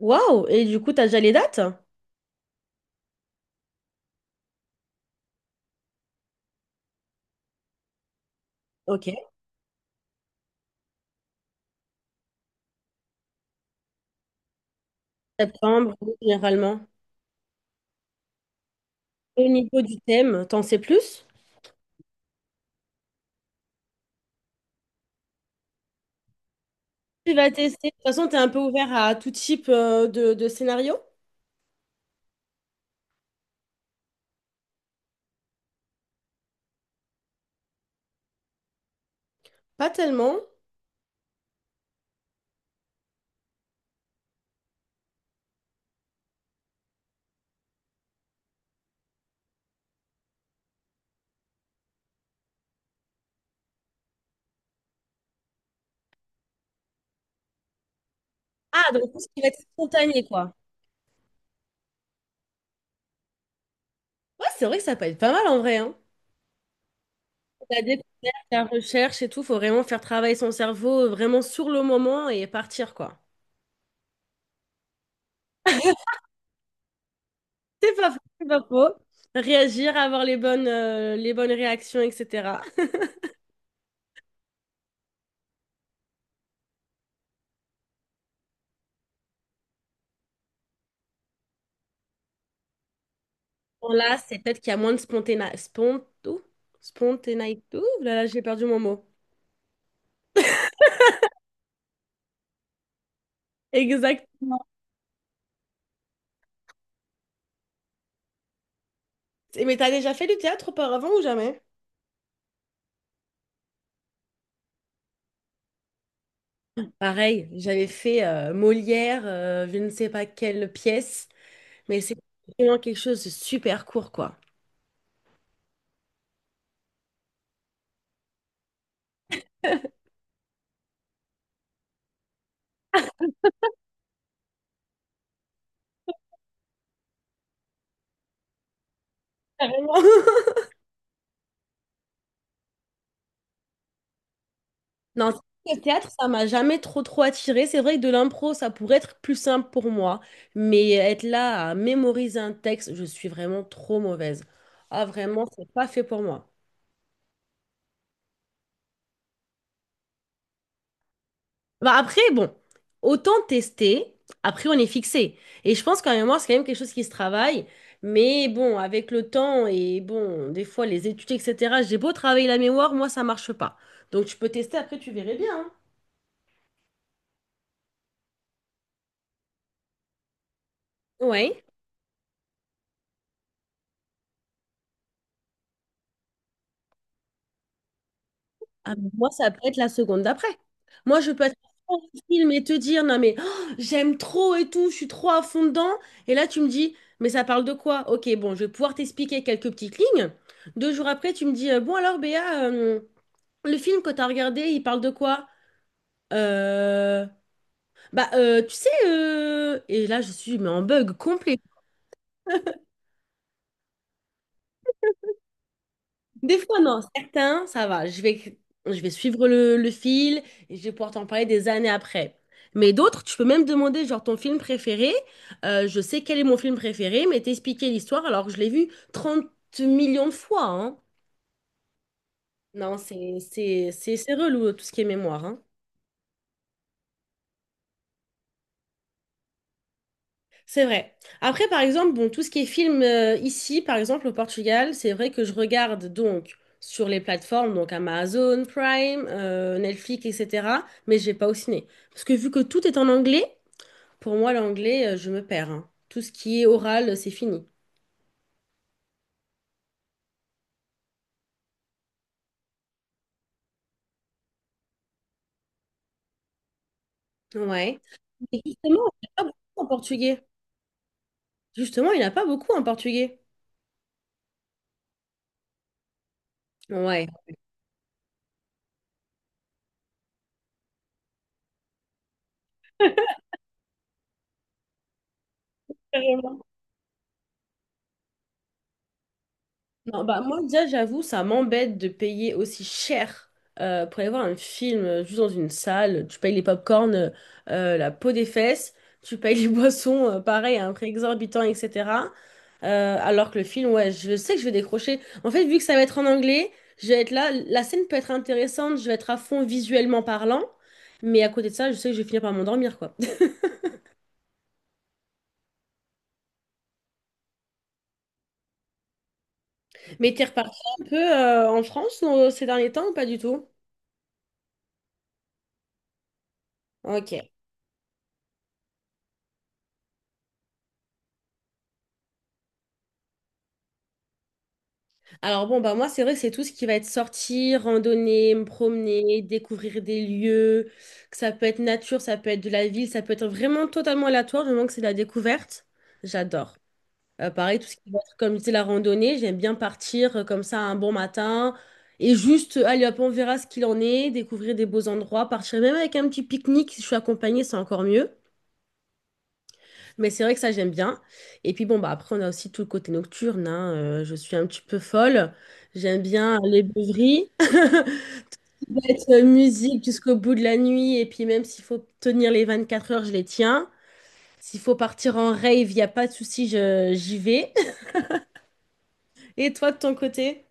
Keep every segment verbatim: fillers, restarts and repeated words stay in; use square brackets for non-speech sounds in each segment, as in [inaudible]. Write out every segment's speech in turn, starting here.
Waouh! Et du coup, t'as déjà les dates? Ok. Septembre, généralement. Au niveau du thème, t'en sais plus? Tu vas tester. De toute façon, t'es un peu ouvert à tout type euh, de, de scénario? Pas tellement. Ah, donc tout ce qui va être spontané, quoi. Ouais, c'est vrai que ça peut être pas mal en vrai, hein. La découverte, la recherche et tout, faut vraiment faire travailler son cerveau euh, vraiment sur le moment et partir, quoi. C'est pas faux, c'est pas faux. Réagir, avoir les bonnes, euh, les bonnes réactions, et cetera. Bon, là, c'est peut-être qu'il y a moins de spontané... Spont... ouh, spontanéité. Ouh là là, j'ai perdu mon mot. Exactement. Et- Mais t'as déjà fait du théâtre auparavant ou jamais? Pareil, j'avais fait euh, Molière, euh, je ne sais pas quelle pièce, mais c'est vraiment quelque chose de super court, quoi. Carrément. [laughs] Non, le théâtre, ça m'a jamais trop trop attiré. C'est vrai que de l'impro, ça pourrait être plus simple pour moi, mais être là à mémoriser un texte, je suis vraiment trop mauvaise. Ah, vraiment, c'est pas fait pour moi. Bah après, bon, autant tester, après on est fixé. Et je pense qu'en mémoire, c'est quand même quelque chose qui se travaille. Mais bon, avec le temps et bon, des fois les études, et cetera, j'ai beau travailler la mémoire, moi ça marche pas. Donc tu peux tester, après tu verrais bien. Hein. Ouais. Ah, mais moi, ça peut être la seconde d'après. Moi, je peux être en film et te dire, non mais oh, j'aime trop et tout, je suis trop à fond dedans. Et là, tu me dis, mais ça parle de quoi? Ok, bon, je vais pouvoir t'expliquer quelques petites lignes. Deux jours après, tu me dis, euh, bon alors Béa, euh, le film que t'as regardé, il parle de quoi? Euh, Bah, euh, tu sais, euh, et là, je suis mais en bug complet. Des fois, non, certains, ça va. Je vais, je vais suivre le, le fil et je vais pouvoir t'en parler des années après. Mais d'autres, tu peux même demander, genre, ton film préféré. Euh, je sais quel est mon film préféré, mais t'expliquer l'histoire alors que je l'ai vu trente millions de fois, hein. Non, c'est, c'est, c'est, c'est relou, tout ce qui est mémoire, hein. C'est vrai. Après, par exemple, bon, tout ce qui est film euh, ici, par exemple au Portugal, c'est vrai que je regarde donc sur les plateformes, donc Amazon Prime, euh, Netflix, et cetera. Mais je vais pas au ciné. Parce que vu que tout est en anglais, pour moi, l'anglais, euh, je me perds. Hein. Tout ce qui est oral, euh, c'est fini. Ouais. Et justement, il n'y a pas beaucoup en portugais. Justement, il n'y en a pas beaucoup en portugais. Ouais. Non, bah moi déjà j'avoue ça m'embête de payer aussi cher euh, pour aller voir un film euh, juste dans une salle. Tu payes les pop-corn, euh, la peau des fesses, tu payes les [laughs] boissons, euh, pareil, à un prix exorbitant, et cetera. Euh, alors que le film, ouais, je sais que je vais décrocher. En fait, vu que ça va être en anglais, je vais être là, la scène peut être intéressante, je vais être à fond visuellement parlant, mais à côté de ça, je sais que je vais finir par m'endormir, quoi. [laughs] Mais t'es reparti un peu euh, en France euh, ces derniers temps ou pas du tout? Ok. Alors bon, bah moi, c'est vrai que c'est tout ce qui va être sortir, randonner, me promener, découvrir des lieux, que ça peut être nature, ça peut être de la ville, ça peut être vraiment totalement aléatoire, du moment que c'est de la découverte, j'adore. Euh, pareil, tout ce qui va être, comme je disais, la randonnée, j'aime bien partir euh, comme ça un bon matin et juste, euh, allez hop, on verra ce qu'il en est, découvrir des beaux endroits, partir même avec un petit pique-nique, si je suis accompagnée, c'est encore mieux. Mais c'est vrai que ça, j'aime bien. Et puis bon, bah après, on a aussi tout le côté nocturne, hein. Euh, je suis un petit peu folle. J'aime bien les beuveries, [laughs] mettre euh, musique jusqu'au bout de la nuit. Et puis même s'il faut tenir les vingt-quatre heures, je les tiens. S'il faut partir en rave, il n'y a pas de souci, je- j'y vais. [laughs] Et toi, de ton côté?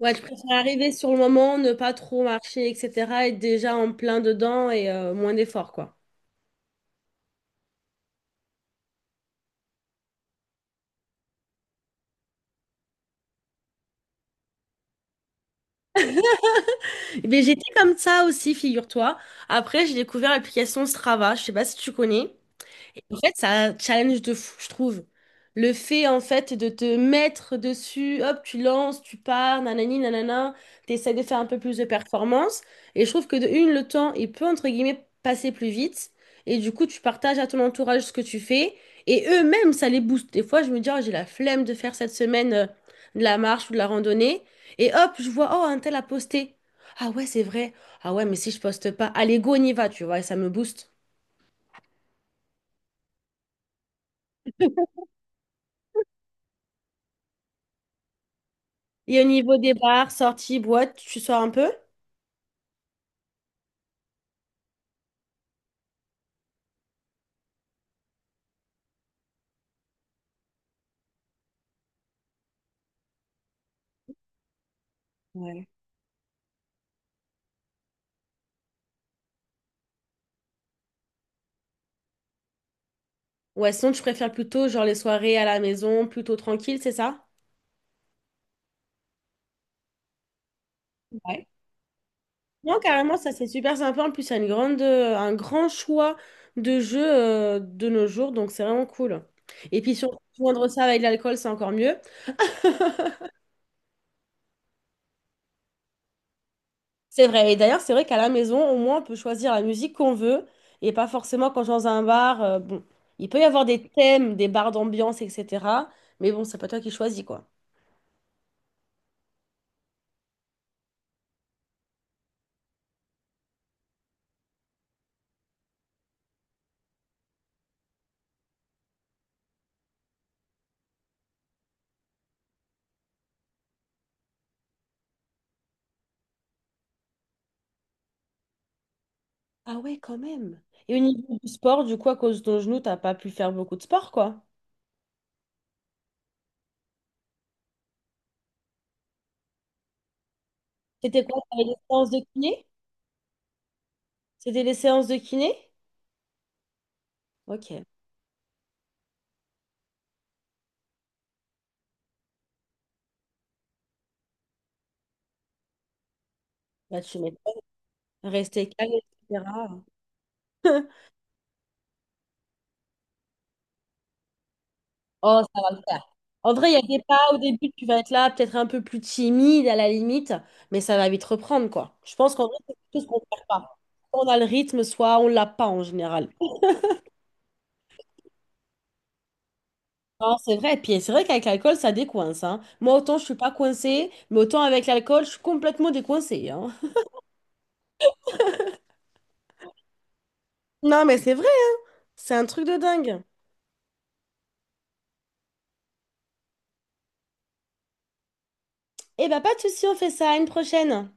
Ouais, je préfère arriver sur le moment, ne pas trop marcher, et cetera. Être déjà en plein dedans et euh, moins d'efforts, quoi. Mais j'étais comme ça aussi, figure-toi. Après, j'ai découvert l'application Strava. Je sais pas si tu connais. En fait, c'est un challenge de fou, je trouve. Le fait, en fait, de te mettre dessus, hop, tu lances, tu pars, nanani, nanana, t'essaies de faire un peu plus de performance. Et je trouve que de une, le temps, il peut, entre guillemets, passer plus vite. Et du coup, tu partages à ton entourage ce que tu fais. Et eux-mêmes, ça les booste. Des fois, je me dis, oh, j'ai la flemme de faire cette semaine euh, de la marche ou de la randonnée. Et hop, je vois, oh, un tel a posté. Ah ouais, c'est vrai. Ah ouais, mais si je poste pas, allez, go, on y va, tu vois, et ça me booste. Et au niveau des bars, sorties, boîtes, tu sors un peu? Ouais. Ouais, sinon tu préfères plutôt genre les soirées à la maison, plutôt tranquille, c'est ça? Ouais. Non, carrément, ça c'est super sympa. En plus, il y a une grande, euh, un grand choix de jeux euh, de nos jours, donc c'est vraiment cool. Et puis, surtout, joindre ça avec l'alcool, c'est encore mieux. C'est vrai. Et d'ailleurs, c'est vrai qu'à la maison, au moins, on peut choisir la musique qu'on veut et pas forcément quand je suis dans un bar. Euh, bon, il peut y avoir des thèmes, des bars d'ambiance, et cetera. Mais bon, c'est pas toi qui choisis, quoi. Ah ouais, quand même. Et au niveau du sport, du coup, à cause de ton genou, t'as pas pu faire beaucoup de sport, quoi. C'était quoi? T'avais les séances de kiné? C'était les séances de kiné? Ok. Là, tu mets rester calme, et cetera. Oh, ça va le faire. En vrai, il y a des pas au début, tu vas être là, peut-être un peu plus timide à la limite, mais ça va vite reprendre, quoi. Je pense qu'en vrai, c'est quelque chose qu'on ne perd pas. Soit on a le rythme, soit on l'a pas en général. Non, c'est vrai. Et puis c'est vrai qu'avec l'alcool, ça décoince, hein. Moi, autant je suis pas coincée, mais autant avec l'alcool, je suis complètement décoincée, hein. Non, mais c'est vrai, c'est un truc de dingue. Eh bah, pas de souci, on fait ça à une prochaine.